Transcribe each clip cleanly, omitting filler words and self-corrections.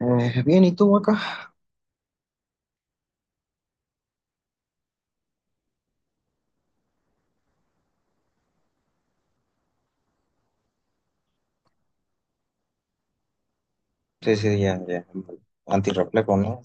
Bien, ¿y tú acá? Sí, sí, ya, ya. Antirreflejo, ¿no?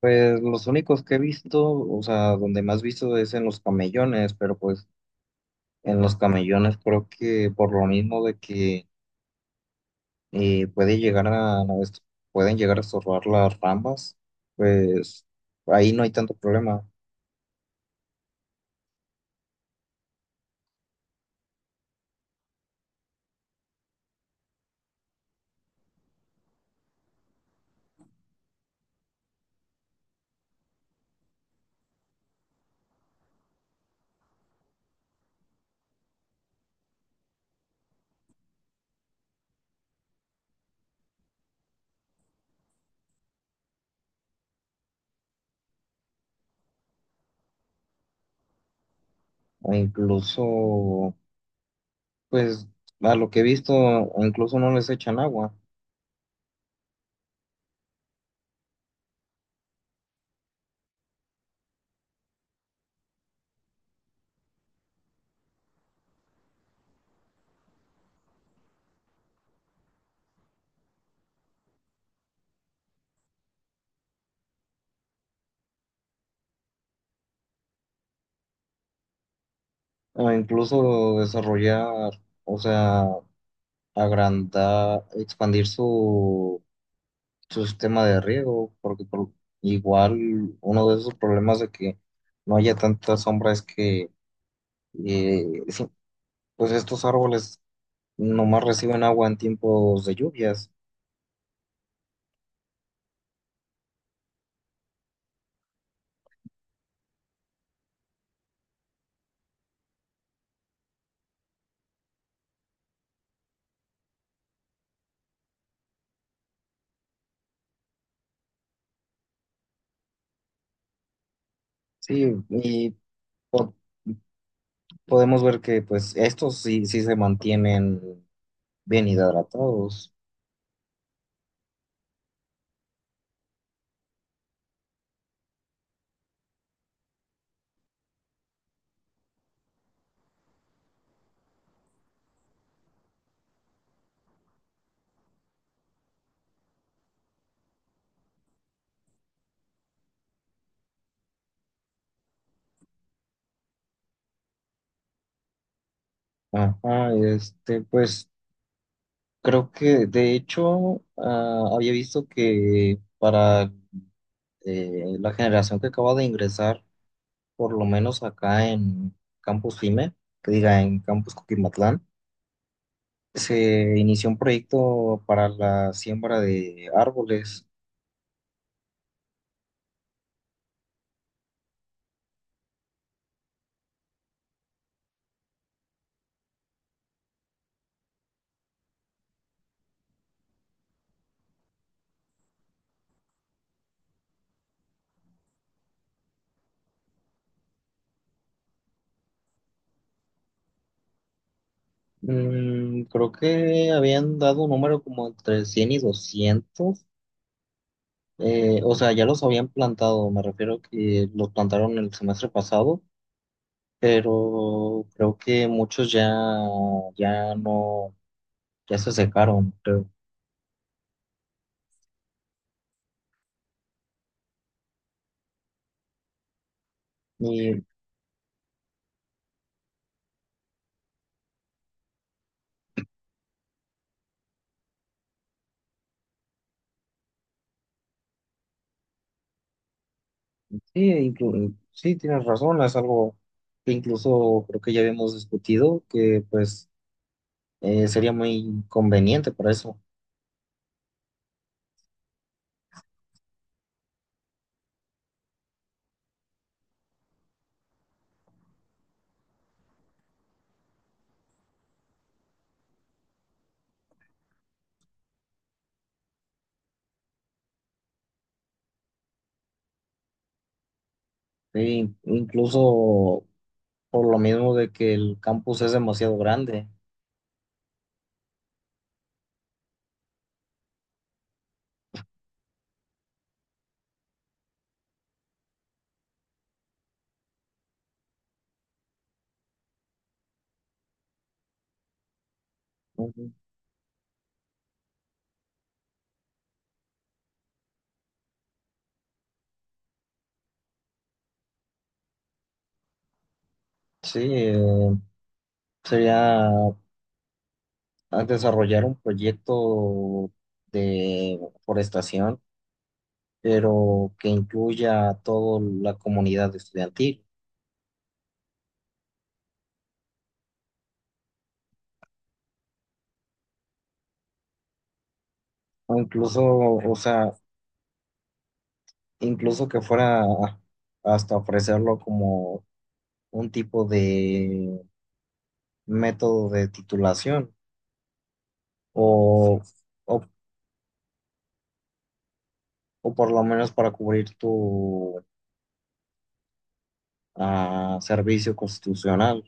Pues los únicos que he visto, o sea, donde más visto es en los camellones, pero pues en los camellones creo que por lo mismo de que puede llegar a, no, pueden llegar a estorbar las ramas, pues ahí no hay tanto problema. O incluso, pues a lo que he visto, incluso no les echan agua. O incluso desarrollar, o sea, agrandar, expandir su, su sistema de riego, porque igual uno de esos problemas de que no haya tanta sombra es que sí, pues estos árboles nomás reciben agua en tiempos de lluvias. Sí, y po- podemos ver que pues estos sí, sí se mantienen bien hidratados. Ajá, este, pues creo que de hecho había visto que para la generación que acaba de ingresar, por lo menos acá en Campus FIME, que diga en Campus Coquimatlán, se inició un proyecto para la siembra de árboles. Mm, creo que habían dado un número como entre 100 y 200. O sea, ya los habían plantado, me refiero que los plantaron el semestre pasado, pero creo que muchos ya, ya no, ya se secaron, creo. Y sí, sí, tienes razón, es algo que incluso creo que ya habíamos discutido, que pues sería muy conveniente para eso. Sí, incluso por lo mismo de que el campus es demasiado grande. Ujú. Sí, sería a desarrollar un proyecto de forestación, pero que incluya a toda la comunidad estudiantil. O incluso, o sea, incluso que fuera hasta ofrecerlo como un tipo de método de titulación o, o, o por lo menos para cubrir tu servicio constitucional.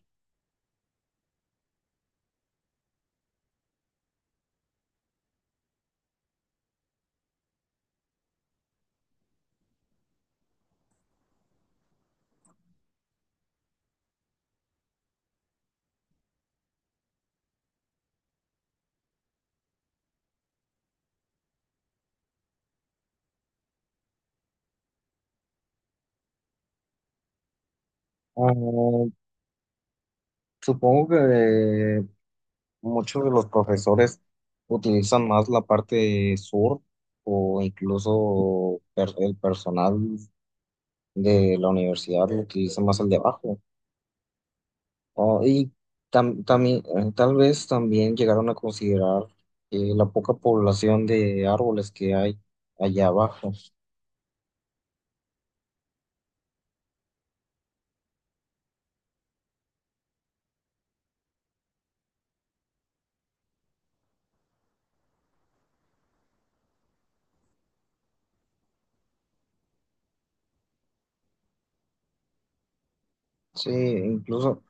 Ah, supongo que muchos de los profesores utilizan más la parte sur o incluso el personal de la universidad lo utiliza más el de abajo. Oh, y también, tal vez también llegaron a considerar la poca población de árboles que hay allá abajo. Sí, incluso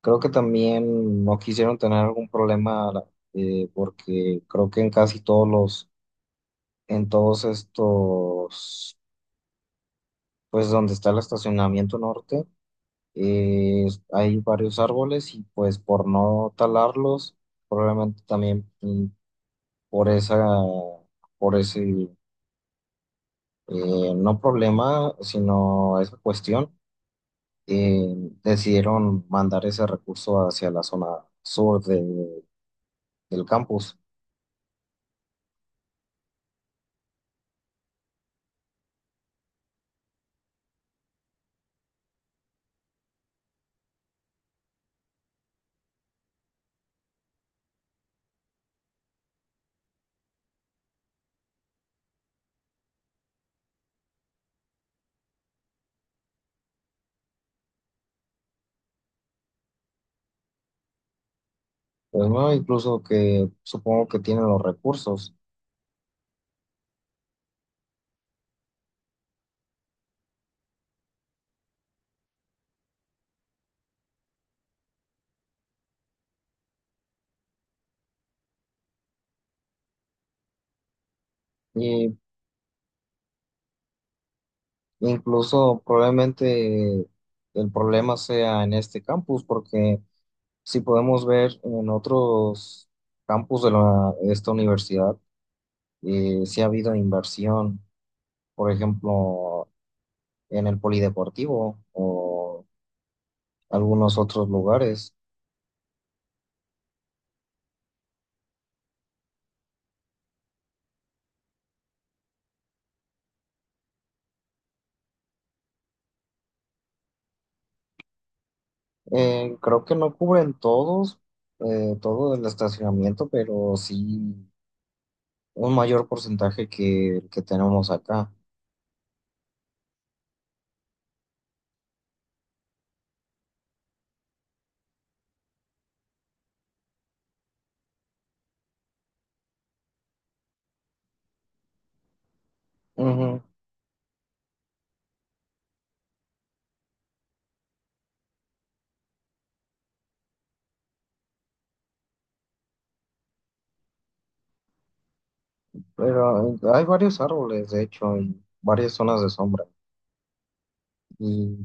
creo que también no quisieron tener algún problema porque creo que en casi todos los, en todos estos, pues donde está el estacionamiento norte, eh, hay varios árboles y pues por no talarlos, probablemente también por esa, por ese no problema, sino esa cuestión, eh, decidieron mandar ese recurso hacia la zona sur del campus. Pues, ¿no? Incluso que supongo que tienen los recursos y incluso probablemente el problema sea en este campus porque si podemos ver en otros campus de esta universidad, si ha habido inversión, por ejemplo, en el polideportivo o algunos otros lugares. Creo que no cubren todos, todo el estacionamiento, pero sí un mayor porcentaje que el que tenemos acá. Ujú. Pero hay varios árboles, de hecho, y varias zonas de sombra, y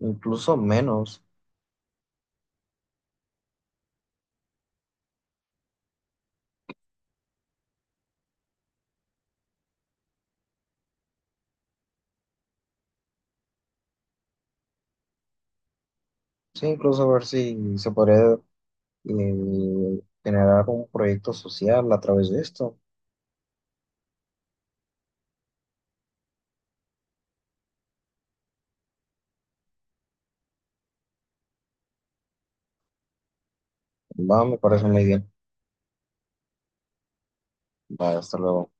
incluso menos. Sí, incluso a ver si se podría generar un proyecto social a través de esto. Va, me parece muy bien. Va, hasta luego.